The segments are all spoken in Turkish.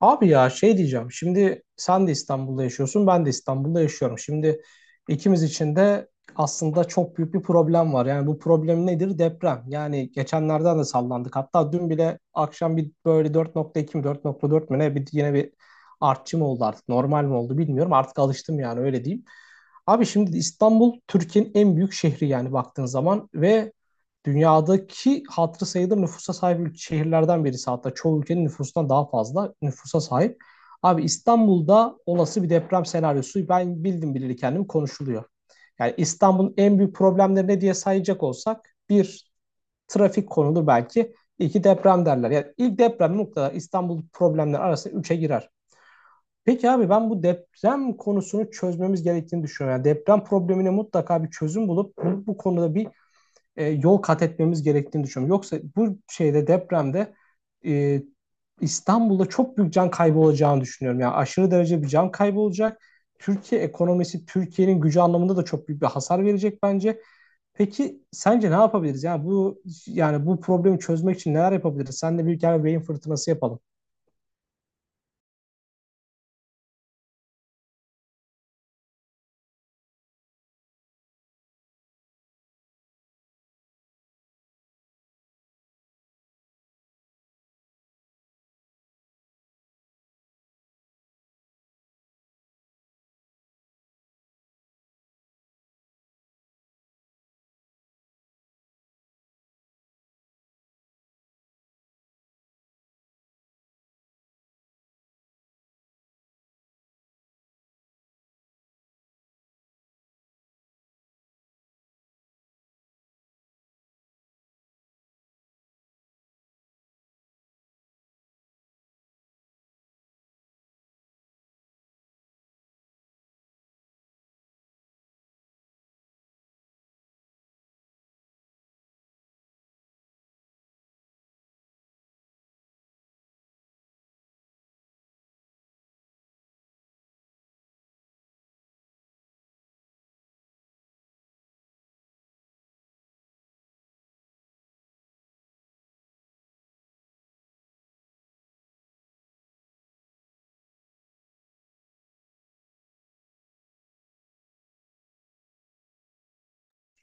Abi ya şey diyeceğim. Şimdi sen de İstanbul'da yaşıyorsun, ben de İstanbul'da yaşıyorum. Şimdi ikimiz için de aslında çok büyük bir problem var. Yani bu problem nedir? Deprem. Yani geçenlerden de sallandık. Hatta dün bile akşam bir böyle 4.2 mi 4.4 mü ne, bir yine bir artçı mı oldu artık? Normal mi oldu bilmiyorum. Artık alıştım, yani öyle diyeyim. Abi şimdi İstanbul Türkiye'nin en büyük şehri, yani baktığın zaman, ve dünyadaki hatırı sayılır nüfusa sahip şehirlerden birisi, hatta çoğu ülkenin nüfusundan daha fazla nüfusa sahip. Abi İstanbul'da olası bir deprem senaryosu ben bildim bileli kendimi konuşuluyor. Yani İstanbul'un en büyük problemleri ne diye sayacak olsak, bir trafik konulu, belki iki deprem derler. Yani ilk deprem mutlaka İstanbul problemleri arasında üçe girer. Peki abi, ben bu deprem konusunu çözmemiz gerektiğini düşünüyorum. Yani deprem problemine mutlaka bir çözüm bulup bu konuda bir yol kat etmemiz gerektiğini düşünüyorum. Yoksa bu depremde e, İstanbul'da çok büyük can kaybı olacağını düşünüyorum. Yani aşırı derece bir can kaybı olacak. Türkiye ekonomisi, Türkiye'nin gücü anlamında da çok büyük bir hasar verecek bence. Peki sence ne yapabiliriz? Yani bu problemi çözmek için neler yapabiliriz? Sen de büyük bir kere beyin fırtınası yapalım.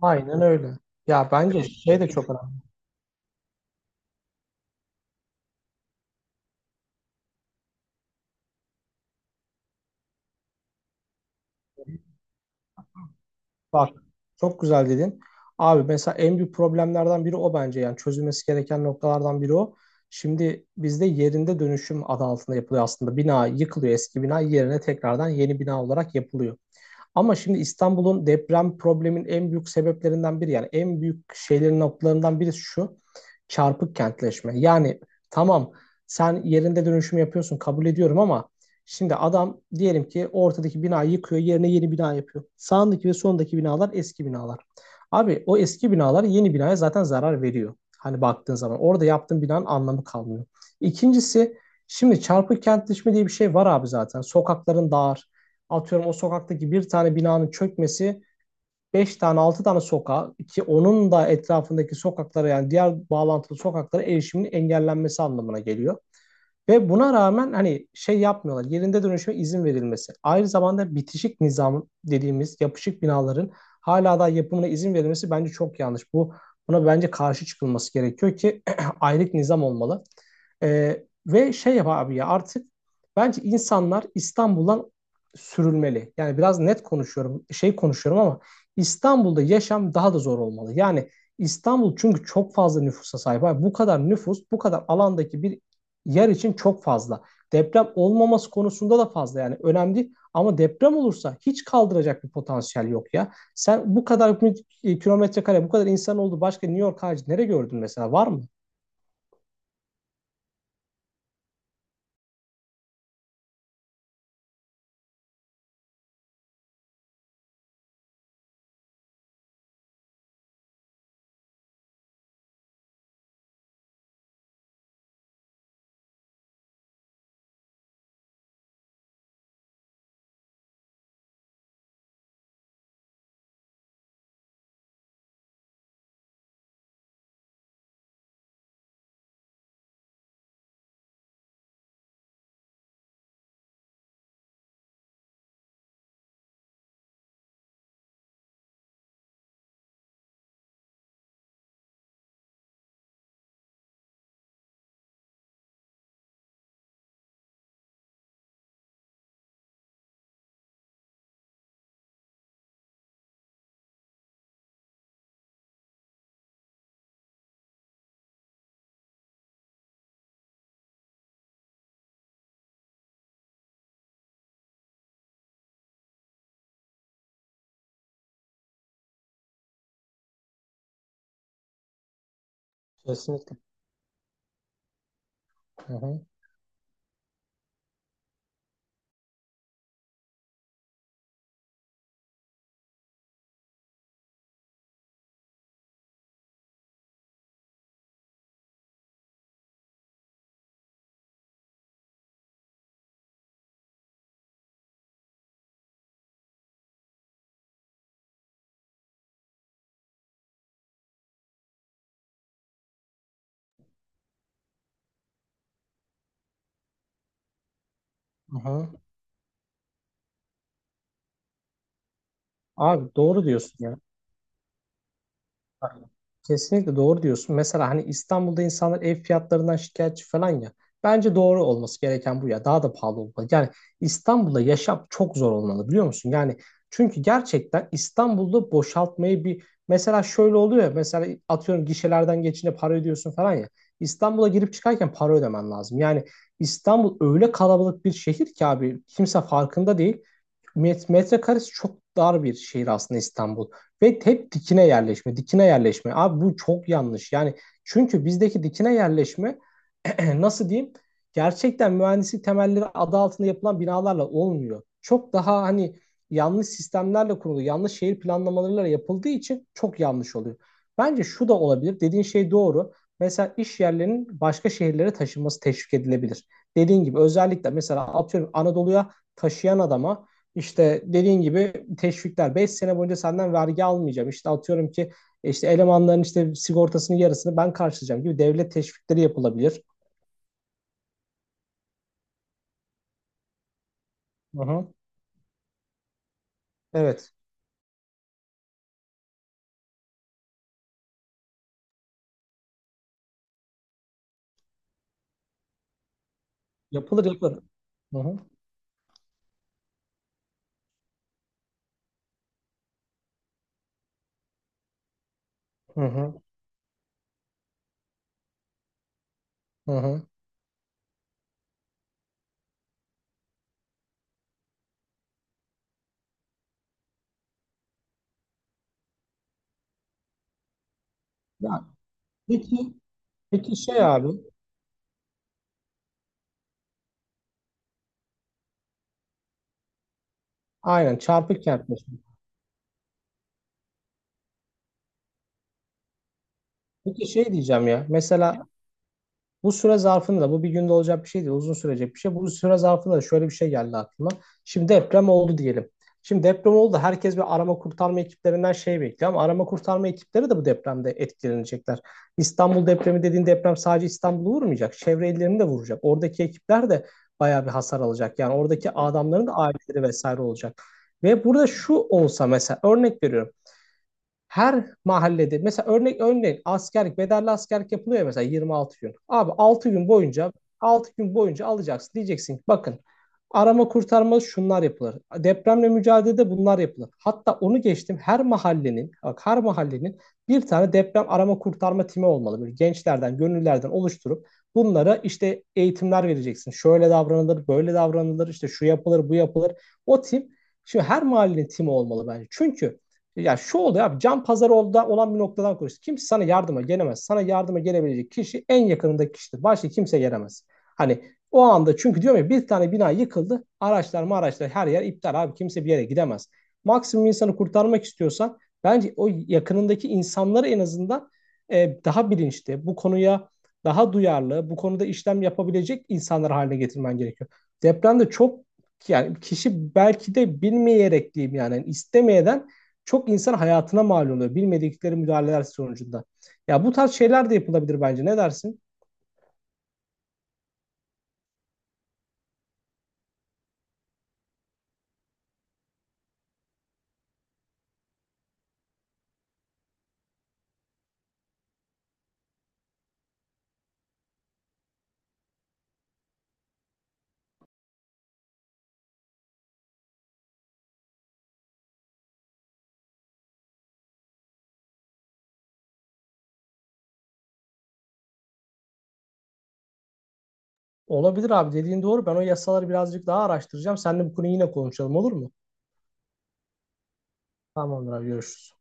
Aynen öyle. Ya bence şey de çok. Bak, çok güzel dedin. Abi mesela en büyük problemlerden biri o bence, yani çözülmesi gereken noktalardan biri o. Şimdi bizde yerinde dönüşüm adı altında yapılıyor aslında. Bina yıkılıyor, eski bina yerine tekrardan yeni bina olarak yapılıyor. Ama şimdi İstanbul'un deprem probleminin en büyük sebeplerinden biri, yani en büyük şeylerin noktalarından birisi şu: çarpık kentleşme. Yani tamam, sen yerinde dönüşüm yapıyorsun, kabul ediyorum, ama şimdi adam diyelim ki ortadaki binayı yıkıyor, yerine yeni bina yapıyor. Sağındaki ve sondaki binalar eski binalar. Abi o eski binalar yeni binaya zaten zarar veriyor. Hani baktığın zaman orada yaptığın binanın anlamı kalmıyor. İkincisi, şimdi çarpık kentleşme diye bir şey var abi zaten. Sokakların dar. Atıyorum, o sokaktaki bir tane binanın çökmesi 5 tane 6 tane sokağa, ki onun da etrafındaki sokaklara, yani diğer bağlantılı sokaklara erişimin engellenmesi anlamına geliyor. Ve buna rağmen hani şey yapmıyorlar. Yerinde dönüşüme izin verilmesi, aynı zamanda bitişik nizam dediğimiz yapışık binaların hala da yapımına izin verilmesi bence çok yanlış. Buna bence karşı çıkılması gerekiyor ki aylık nizam olmalı. Ve şey yap abi, ya artık bence insanlar İstanbul'dan sürülmeli. Yani biraz net konuşuyorum, şey konuşuyorum, ama İstanbul'da yaşam daha da zor olmalı. Yani İstanbul çünkü çok fazla nüfusa sahip. Abi bu kadar nüfus, bu kadar alandaki bir yer için çok fazla. Deprem olmaması konusunda da fazla, yani önemli değil. Ama deprem olursa hiç kaldıracak bir potansiyel yok ya. Sen bu kadar kilometre kare, bu kadar insan oldu. Başka New York harici nereye gördün mesela? Var mı? Kesinlikle. Hı hı. Hı hı. Abi doğru diyorsun ya. Aynen. Kesinlikle doğru diyorsun. Mesela hani İstanbul'da insanlar ev fiyatlarından şikayetçi falan ya. Bence doğru olması gereken bu ya. Daha da pahalı olmalı. Yani İstanbul'da yaşam çok zor olmalı, biliyor musun? Yani çünkü gerçekten İstanbul'da boşaltmayı bir mesela şöyle oluyor ya. Mesela atıyorum, gişelerden geçince para ödüyorsun falan ya. İstanbul'a girip çıkarken para ödemen lazım. Yani İstanbul öyle kalabalık bir şehir ki abi, kimse farkında değil. Metrekaresi çok dar bir şehir aslında İstanbul. Ve hep dikine yerleşme, dikine yerleşme. Abi bu çok yanlış. Yani çünkü bizdeki dikine yerleşme nasıl diyeyim? Gerçekten mühendislik temelleri adı altında yapılan binalarla olmuyor. Çok daha hani yanlış sistemlerle kurulu, yanlış şehir planlamalarıyla yapıldığı için çok yanlış oluyor. Bence şu da olabilir. Dediğin şey doğru. Mesela iş yerlerinin başka şehirlere taşınması teşvik edilebilir. Dediğin gibi özellikle mesela atıyorum Anadolu'ya taşıyan adama, işte dediğin gibi teşvikler: 5 sene boyunca senden vergi almayacağım. İşte atıyorum ki işte elemanların işte sigortasının yarısını ben karşılayacağım gibi devlet teşvikleri yapılabilir. Hı hı. Evet. Yapılır yapılır. Hı hı. Hı hı. Hı hı. Ya, peki, peki şey abi. Aynen, çarpık kentleşme. Peki şey diyeceğim ya. Mesela, bu süre zarfında da, bu bir günde olacak bir şey değil, uzun sürecek bir şey. Bu süre zarfında da şöyle bir şey geldi aklıma. Şimdi deprem oldu diyelim. Şimdi deprem oldu. Herkes bir arama kurtarma ekiplerinden şey bekliyor, ama arama kurtarma ekipleri de bu depremde etkilenecekler. İstanbul depremi dediğin deprem sadece İstanbul'u vurmayacak. Çevre illerini de vuracak. Oradaki ekipler de bayağı bir hasar alacak. Yani oradaki adamların da aileleri vesaire olacak. Ve burada şu olsa, mesela örnek veriyorum. Her mahallede mesela örneğin askerlik, bedelli askerlik yapılıyor ya, mesela 26 gün. Abi 6 gün boyunca alacaksın, diyeceksin ki bakın, arama kurtarma şunlar yapılır. Depremle mücadelede bunlar yapılır. Hatta onu geçtim, her mahallenin bir tane deprem arama kurtarma timi olmalı. Böyle gençlerden gönüllerden oluşturup bunlara işte eğitimler vereceksin. Şöyle davranılır, böyle davranılır, işte şu yapılır, bu yapılır. O tim Şimdi her mahallenin timi olmalı bence. Çünkü ya şu oluyor abi, can pazarı olda olan bir noktadan konuşuyoruz. Kimse sana yardıma gelemez. Sana yardıma gelebilecek kişi en yakınındaki kişidir. Başka kimse gelemez. Hani o anda, çünkü diyorum ya, bir tane bina yıkıldı. Araçlar mı araçlar, her yer iptal abi. Kimse bir yere gidemez. Maksimum insanı kurtarmak istiyorsan bence o yakınındaki insanları en azından daha bilinçli, bu konuya daha duyarlı, bu konuda işlem yapabilecek insanlar haline getirmen gerekiyor. Depremde çok, yani kişi belki de bilmeyerek diyeyim, yani istemeyeden çok insan hayatına mal oluyor bilmedikleri müdahaleler sonucunda. Ya bu tarz şeyler de yapılabilir bence. Ne dersin? Olabilir abi, dediğin doğru. Ben o yasaları birazcık daha araştıracağım. Seninle bu konuyu yine konuşalım, olur mu? Tamamdır abi, görüşürüz.